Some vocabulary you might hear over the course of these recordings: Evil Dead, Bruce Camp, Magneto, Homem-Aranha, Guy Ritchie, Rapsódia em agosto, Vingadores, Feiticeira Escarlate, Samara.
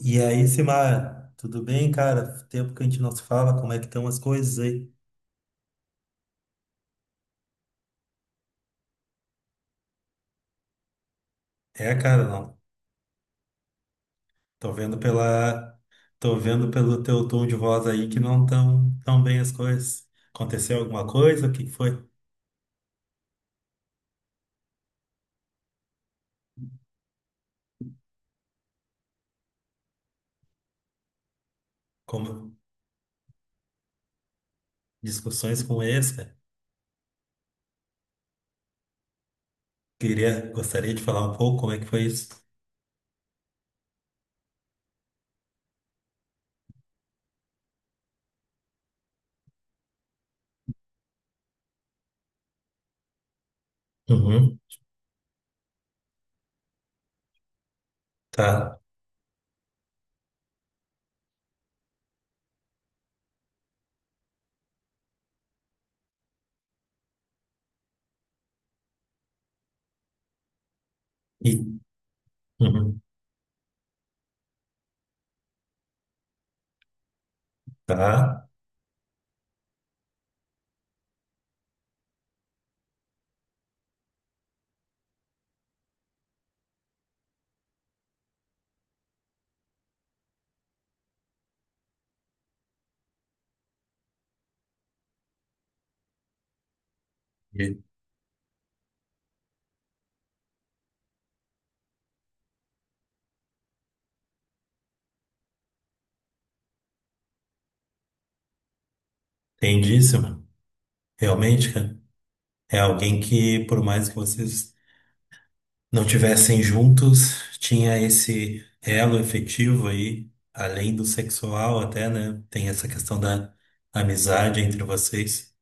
E aí, Simar, tudo bem, cara? Tempo que a gente não se fala, como é que estão as coisas aí? É, cara, não. Tô vendo pela, tô vendo pelo teu tom de voz aí que não tão tão bem as coisas. Aconteceu alguma coisa? O que foi? Como discussões com esse, cara? Gostaria de falar um pouco como é que foi isso. Uhum, tá. E, uhum, tá. Entendíssimo. Realmente, cara, é alguém que, por mais que vocês não tivessem juntos, tinha esse elo efetivo aí, além do sexual até, né? Tem essa questão da amizade entre vocês.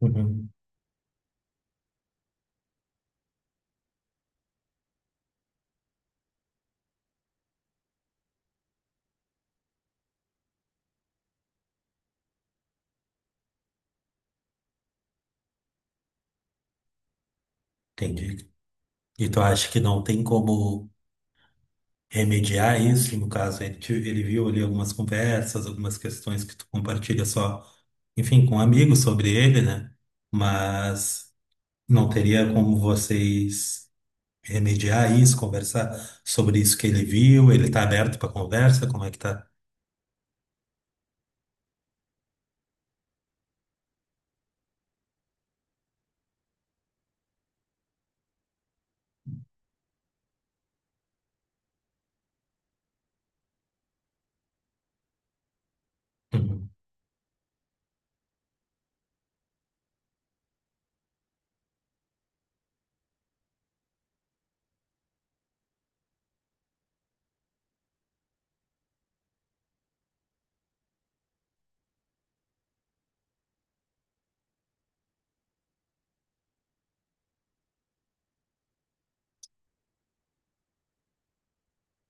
Uhum. Entendi. E tu acha que não tem como remediar isso? No caso, ele viu ali algumas conversas, algumas questões que tu compartilha só, enfim, com amigos sobre ele, né? Mas não teria como vocês remediar isso, conversar sobre isso que ele viu? Ele tá aberto para conversa? Como é que tá? Uhum,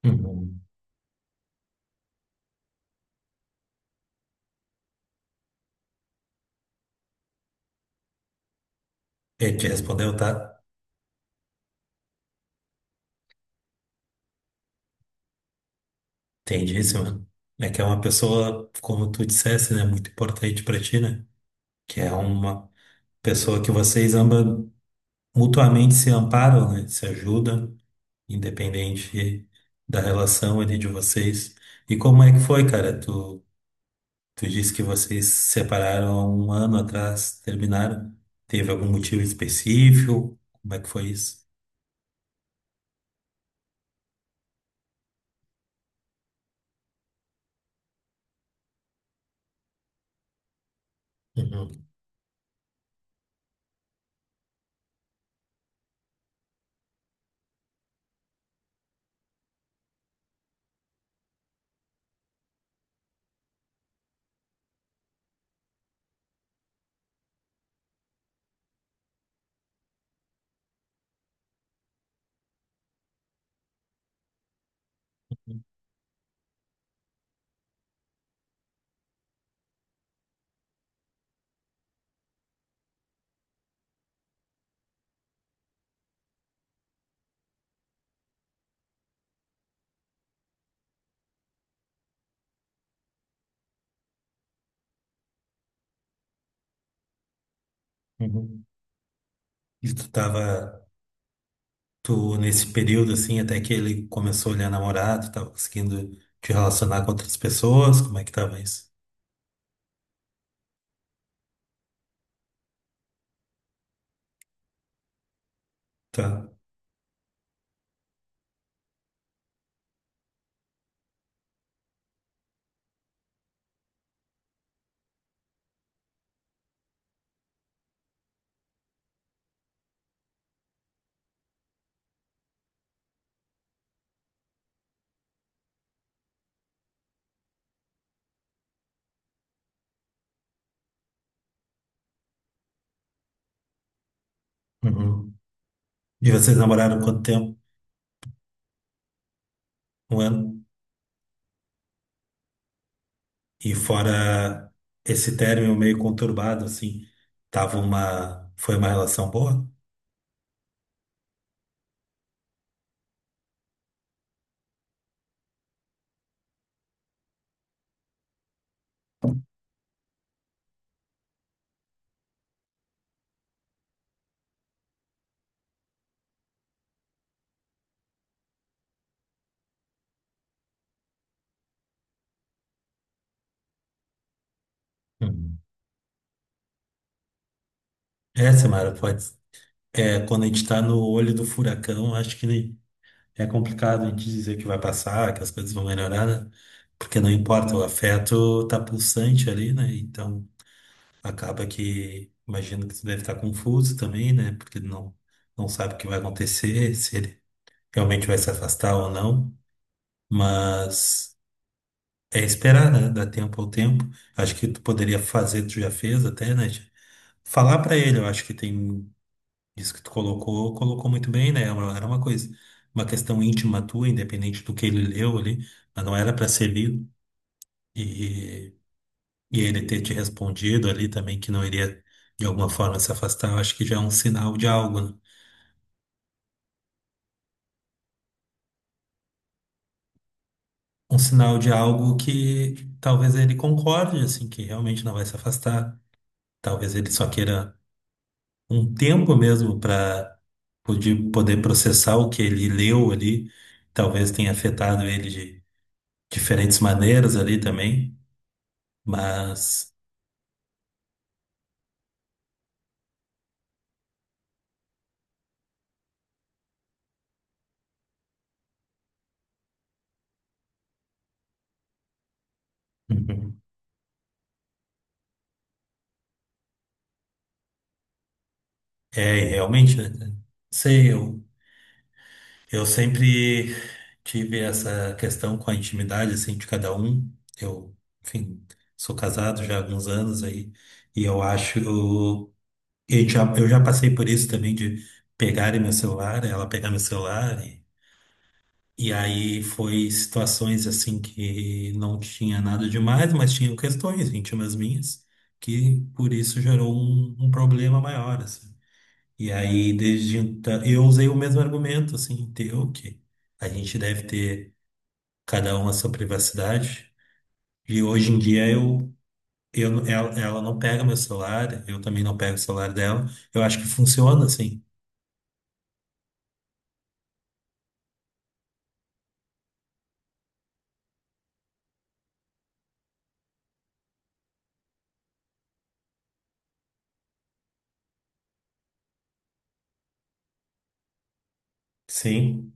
uhum. Ele te respondeu, tá? Entendíssimo. É que é uma pessoa, como tu dissesse, né, muito importante pra ti, né? Que é uma pessoa que vocês ambas mutuamente se amparam, né? Se ajudam, independente da relação ali de vocês. E como é que foi, cara? Tu disse que vocês se separaram há um ano atrás, terminaram. Teve algum motivo específico? Como é que foi isso? Uhum. Uhum. E tu tava, tu nesse período assim, até que ele começou a olhar namorado, tava conseguindo te relacionar com outras pessoas, como é que tava isso? Tá. Uhum. E vocês namoraram quanto tempo? Um ano? E fora esse término meio conturbado, assim, foi uma relação boa? Uhum. É, Samara, pode. É, quando a gente tá no olho do furacão, acho que é complicado a gente dizer que vai passar, que as coisas vão melhorar, né? Porque não importa, o afeto tá pulsante ali, né? Então acaba que, imagino que você deve estar confuso também, né? Porque não sabe o que vai acontecer, se ele realmente vai se afastar ou não. Mas. É esperar, né? Dar tempo ao tempo. Acho que tu poderia fazer, tu já fez até, né? de Falar pra ele, eu acho que tem isso que tu colocou, colocou muito bem, né? Era uma coisa, uma questão íntima tua, independente do que ele leu ali, mas não era pra ser lido. E, e ele ter te respondido ali também que não iria de alguma forma se afastar, eu acho que já é um sinal de algo, né? Um sinal de algo que talvez ele concorde, assim, que realmente não vai se afastar. Talvez ele só queira um tempo mesmo para poder processar o que ele leu ali. Talvez tenha afetado ele de diferentes maneiras ali também, mas uhum. É realmente, né? Cara? Sei, eu, eu sempre tive essa questão com a intimidade assim de cada um. Eu, enfim, sou casado já há alguns anos aí e eu acho eu já passei por isso também de ela pegar meu celular e E aí foi situações assim que não tinha nada demais, mas tinham questões íntimas minhas, que por isso gerou um problema maior, assim. E aí, desde então, eu usei o mesmo argumento, assim, teu, que a gente deve ter cada um a sua privacidade. E hoje em dia eu ela não pega meu celular, eu também não pego o celular dela. Eu acho que funciona, assim. Sim,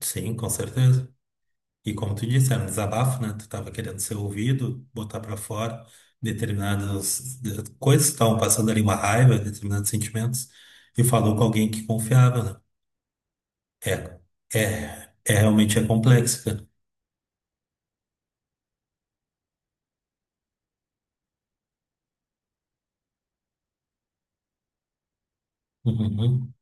sim, com certeza. E como tu disse, era um desabafo, né? Tu tava querendo ser ouvido, botar pra fora coisas que estavam passando ali, uma raiva, determinados sentimentos, e falou com alguém que confiava, né? É realmente é complexo, cara. Uhum.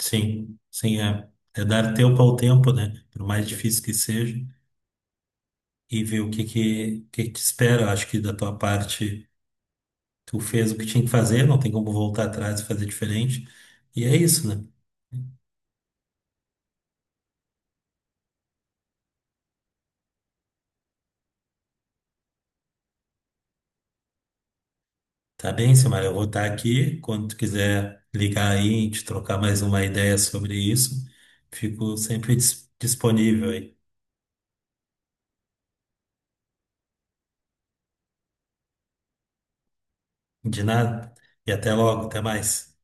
Sim, sim, é. É dar tempo ao tempo, né? Por mais difícil que seja, e ver que te espera. Eu acho que da tua parte, tu fez o que tinha que fazer, não tem como voltar atrás e fazer diferente. E é isso, né? Tá bem, Samara, eu vou estar aqui. Quando tu quiser ligar aí, a gente trocar mais uma ideia sobre isso, fico sempre disponível aí. De nada. E até logo, até mais.